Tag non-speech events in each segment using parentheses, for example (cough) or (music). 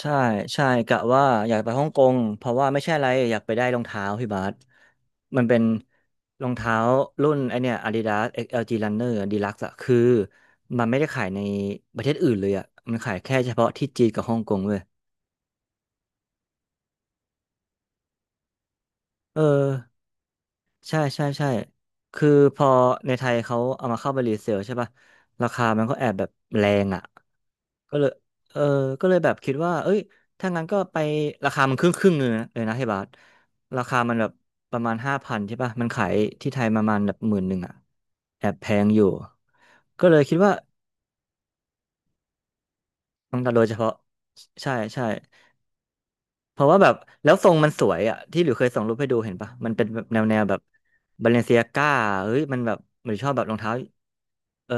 ใช่ใช่กะว่าอยากไปฮ่องกงเพราะว่าไม่ใช่อะไรอยากไปได้รองเท้าพี่บาสมันเป็นรองเท้ารุ่นไอเนี่ย Adidas XLG Runner Deluxe อะคือมันไม่ได้ขายในประเทศอื่นเลยอะมันขายแค่เฉพาะที่จีนกับฮ่องกงเว้ยเออใช่ใช่ใช่คือพอในไทยเขาเอามาเข้าไปรีเซลใช่ป่ะราคามันก็แอบแบบแรงอะ ก็เลยเออก็เลยแบบคิดว่า เอ้ยถ้างั้นก็ไปราคามันครึ่งครึ่งเลยนะเฮยบาสราคามันแบบประมาณ5,000ใช่ป่ะมันขายที่ไทยประมาณแบบหมื่นหนึ่งอะแอบแพงอยู่ ก็เลยคิดว่าต้องตัดโดยเฉพาะใช่ใช่เพราะว่าแบบแล้วทรงมันสวยอ่ะที่หลิวเคยส่งรูปให้ดูเห็นปะมันเป็นแบบแนวแบบบาเลนเซียก้าเฮ้ย มันแบบหรือชอบแบบรองเท้าเออ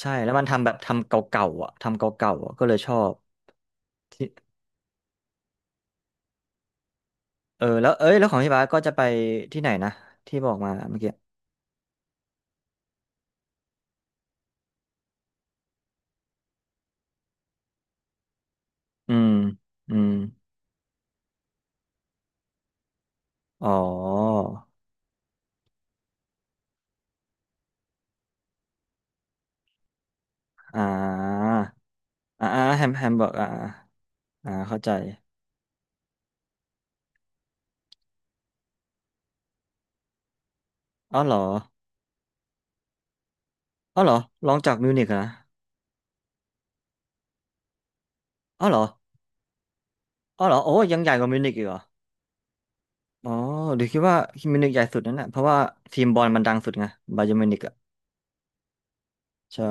ใช่แล้วมันทำแบบทำเก่าๆอะก็เลยชอบ เออแล้วเอ้ยแล้วของพี่บาสก็จะไปที่ไหนนะที่บอกมาเมื่อกี้อืมอืมอ๋ออ่าอ่าอ่าแฮมเบอร์กอ่าอ่าเข้าใจอ๋อเหรออ๋อเหรอลองจากมิวนิกเหรอนะอ๋อเหรออ๋อเหรอโอ้ยังใหญ่กว่ามิวนิกอีกเหรออ๋อเดี๋ยวคิดว่ามิวนิกใหญ่สุดนั่นแหละเพราะว่าทีมบอลมันดังสุดไงบาเยิร์นมิวนิกอ่ะใช่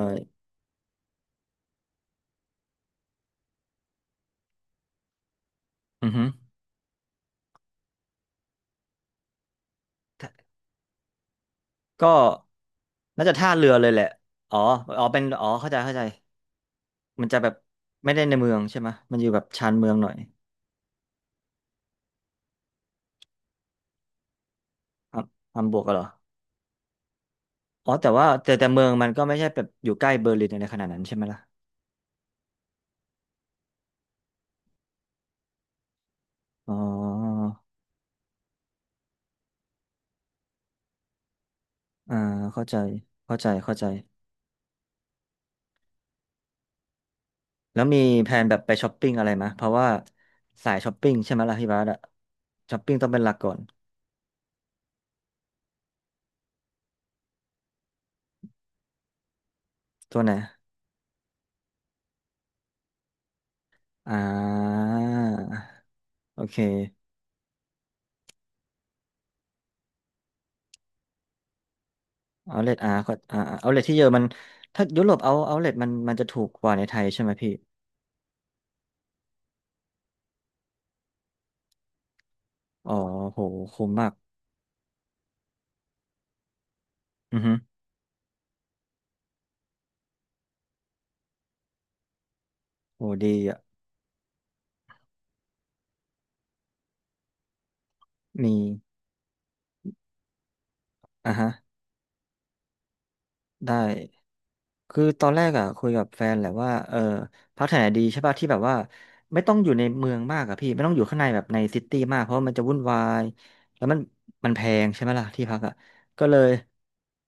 อือฮึก็น่าจะท่าเรือเลยแหละอ๋ออ๋อเป็นอ๋อเข้าใจเข้าใจ มันจะแบบไม่ได้ในเมืองใช่ไหม มันอยู่แบบชานเมืองหน่อยฮัมฮัมบวกกเหรอ อ๋อแต่ว่าแต่เมืองมันก็ไม่ใช่แบบอยู่ใกล้เบอร์ลินอะไรขนาดนั้นใช่ไหมล่ะ อ๋ออ่าเข้าใจเข้าใจเข้าใจ แล้วมีแผนแบบไปช้อปปิ้งอะไรไหมเพราะว่าสายช้อปปิ้งใช่ไหมล่ะพี่บาสอะช้อปปิ้งต้องเป็นหลักก่อนตัวไหนอ่าโอเคเอาเลทอาร์ก็อ่าเอาเลทที่เยอะมันถ้ายุโรปเอาเลทมันจะถูกกว่าในไทยใช่ไหมพี่อ๋อโหคุ้มมากอือฮึ โหดีอ่ะมีอ่ะฮะได้ คือตอนแรกอ่ะคุยกับแฟนแหละว่าเออพักแถวไหนดีใช่ป่ะที่แบบว่าไม่ต้องอยู่ในเมืองมากอะพี่ไม่ต้องอยู่ข้างในแบบในซิตี้มากเพราะมันจะวุ่นวายแล้วมันแพงใช่ไหมล่ะที่พักอ่ะก็เลย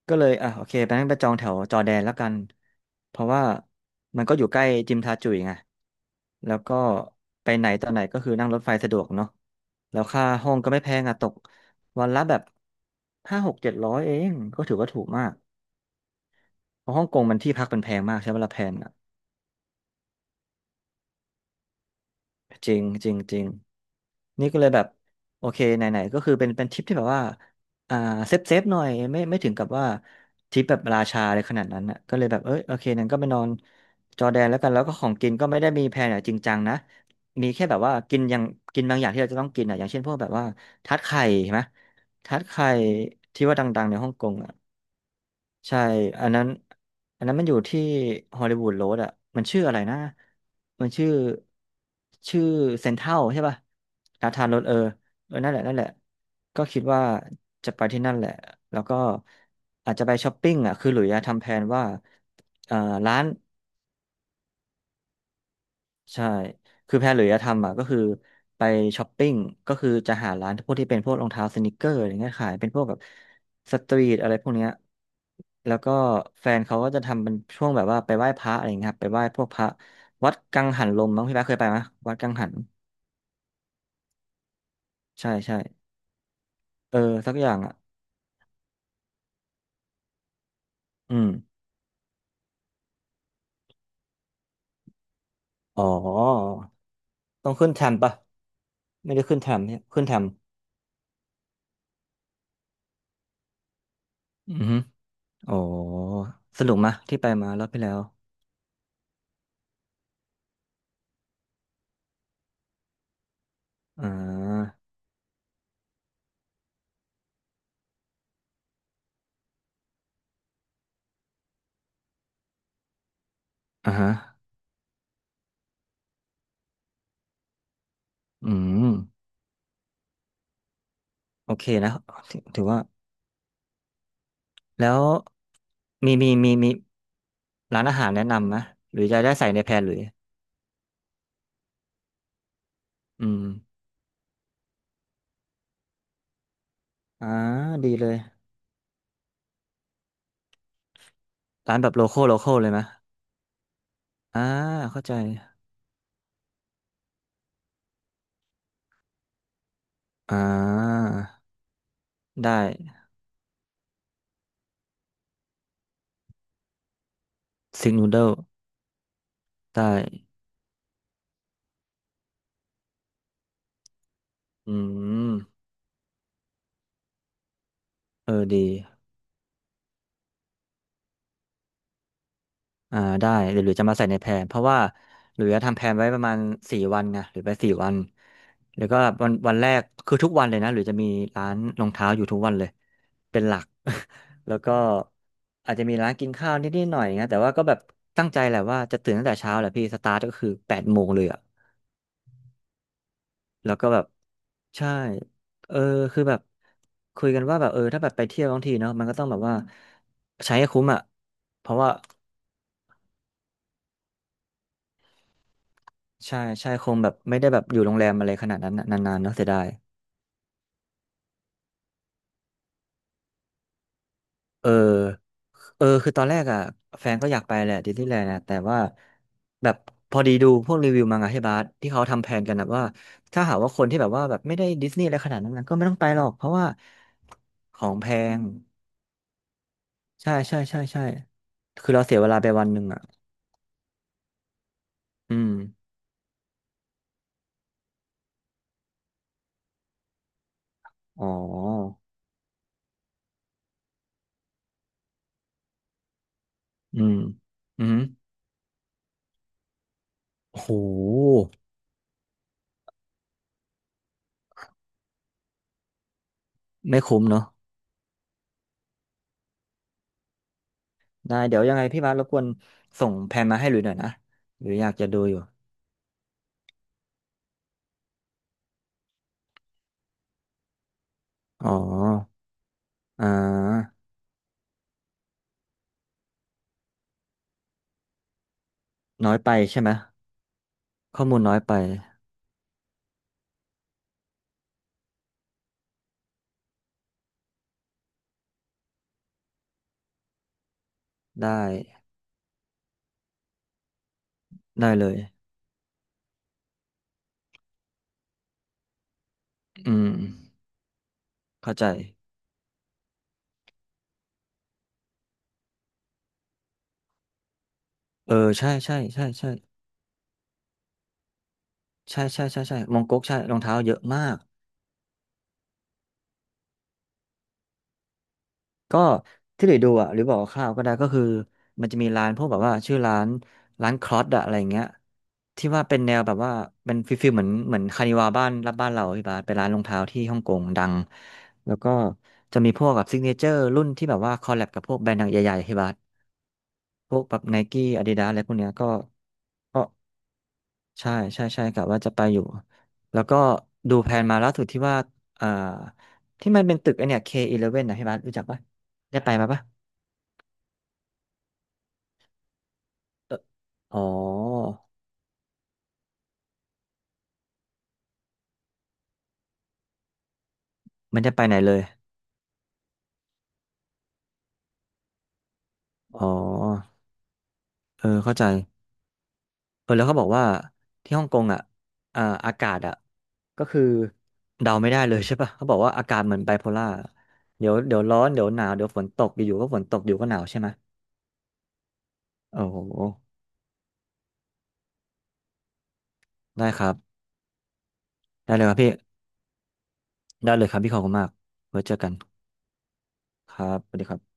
อ่ะโอเคไปนั่งไปจองแถวจอร์แดนแล้วกันเพราะว่ามันก็อยู่ใกล้จิมทาจุยไงแล้วก็ไปไหนตอนไหนก็คือนั่งรถไฟสะดวกเนาะแล้วค่าห้องก็ไม่แพงอ่ะตกวันละแบบห้าหกเจ็ดร้อยเองก็ถือว่าถูกมาก เพราะฮ่องกงมันที่พักมันแพงมากใช่ไหมเวละแพงอ่ะจริงจริงจริงนี่ก็เลยแบบโอเคไหนๆก็คือเป็นทริปที่แบบว่าอ่าเซฟเซฟหน่อยไม่ถึงกับว่าทริปแบบราชาเลยขนาดนั้นอ่ะก็เลยแบบเอยโอเคนั้นก็ไปนอนจอร์แดนแล้วกันแล้วก็ของกินก็ไม่ได้มีแพลนอย่างจริงจังนะมีแค่แบบว่ากินบางอย่างที่เราจะต้องกินอ่ะอย่างเช่นพวกแบบว่าทาร์ตไข่ใช่ไหมทาร์ตไข่ที่ว่าดังๆในฮ่องกงอ่ะ ใช่ อันนั้น อันนั้นมันอยู่ที่ฮอลลีวูดโรดอ่ะ มันชื่ออะไรนะมันชื่อชื่อเซ็นทรัลใช่ป่ะอาคารรถเออเออ นั่นแหละ นั่นแหละ ก็คิดว่าจะไปที่นั่นแหละ แล้วก็อาจจะไปช้อปปิ้งอ่ะ คือหลุยส์อะทำแผนว่าเอ่อร้าน ใช่ คือแพลนหรือจะทำอ่ะก็คือไปช้อปปิ้งก็คือจะหาร้านพวกที่เป็นพวกรองเท้าสนิกเกอร์อะไรเงี้ยขายเป็นพวกแบบสตรีทอะไรพวกเนี้ยแล้วก็แฟนเขาก็จะทำเป็นช่วงแบบว่าไปไหว้พระอะไรเงี้ยครับไปไหว้พวกพระวัดกังหันลมมั้งพี่แป๊ะเคยไปไหมวัดกังหันใช่ใช่เออสักอย่างอ่ะอืมอ๋อต้องขึ้นแทมปะไม่ได้ขึ้นแทมเนี่ยขึ้นแทมอือฮึอ๋อสนุกมะที่ไปมาแล้วไปแล้วอ่าอ่าฮะ อืมโอเคนะถถือว่าแล้วมีร้านอาหารแนะนำไหมหรือจะได้ใส่ในแพลนหรืออืมอ่าดีเลยร้านแบบโลคอลโลคอลเลยไหมอ่าเข้าใจอ่าได้ซิกนูเดิลได้อืมเออดี ได้เดี๋ยวหลุยจะมาใส่ในแพลนเพราะว่าหลุยจะทำแพลนไว้ประมาณสี่วันไงหรือไปสี่วันแล้วก็วันแรกคือทุกวันเลยนะหรือจะมีร้านรองเท้าอยู่ทุกวันเลยเป็นหลัก (laughs) แล้วก็อาจจะมีร้านกินข้าวนิดๆหน่อยๆนะแต่ว่าก็แบบตั้งใจแหละว่าจะตื่นตั้งแต่เช้าแหละพี่สตาร์ทก็คือ8 โมงเลยอะแล้วก็แบบใช่เออคือแบบคุยกันว่าแบบเออถ้าแบบไปเที่ยวทั้งทีเนาะมันก็ต้องแบบว่าใช้ให้คุ้มอ่ะเพราะว่า ใช่ใช่คงแบบไม่ได้แบบอยู่โรงแรมอะไรขนาดนั้นน่ะนานๆเนาะเสียดายเออเออคือตอนแรกอ่ะแฟนก็อยากไปแหละดิสนีย์แลนด์นะแต่ว่าแบบพอดีดูพวกรีวิวมาไงที่บาสที่เขาทำแผนกันนะว่าถ้าหากว่าคนที่แบบว่าแบบไม่ได้ดิสนีย์อะไรขนาดนั้นนะก็ไม่ต้องไปหรอกเพราะว่าของแพงใช่ใช่ใช่ใช่คือเราเสียเวลาไปวันหนึ่งอ่ะอืมอ๋ออืมอืมโอ้โหไม่คุ้มเนาะ ได้เดี๋ยวยังไงพี่บาสรบกวนส่งแพลนมาให้หลุยหน่อยนะหรืออยากจะดูอยู่อ๋ออ่าน้อยไปใช่ไหมข้อมูลน้อยไปได้ได้เลยอืมเข้าใจเออใช่ใช่ใช่ใช่ใช่ใช่ใช่ใช่มองก๊กใช่รองเท้าเยอะมาก ก็ที่หลุยดูอ่ะหรือบอกคร่าวๆก็ได้ก็คือมันจะมีร้านพวกแบบว่าชื่อร้านร้านคลอสอะอะไรเงี้ยที่ว่าเป็นแนวแบบว่าเป็นฟิลเหมือนคานิวาบ้านรับบ้านเราพี่บาสเป็นร้านรองเท้าที่ฮ่องกงดังแล้วก็จะมีพวกแบบซิกเนเจอร์รุ่นที่แบบว่าคอลแลบกับพวกแบรนด์ดังใหญ่ๆพี่บาสพวกแบบไนกี้อาดิดาสอะไรพวกเนี้ยก็ก็ใช่ใช่ใช่กะว่าจะไปอยู่แล้วก็ดูแผนมาล่าสุดที่ว่าอ่าที่มันเป็นตึกไอเนี่ย K11 นะพี่บาสรู้จักปะได้ไปมาปะ เอ่ออ๋อมันจะไปไหนเลยอ๋อเออเข้าใจเออแล้วเขาบอกว่าที่ฮ่องกงอ่ะอ่าอากาศอ่ะก็คือเดาไม่ได้เลยใช่ปะเขาบอกว่าอากาศเหมือนไบโพล่าเดี๋ยวเดี๋ยวร้อนเดี๋ยวหนาวเดี๋ยวฝนตกอยู่ๆก็ฝนตกอยู่ก็หนาวใช่ไหมโอ้โหได้ครับได้เลยครับพี่ได้เลยครับพี่ขอบคุณมากไว้เจอกันครับสวัสดีครับ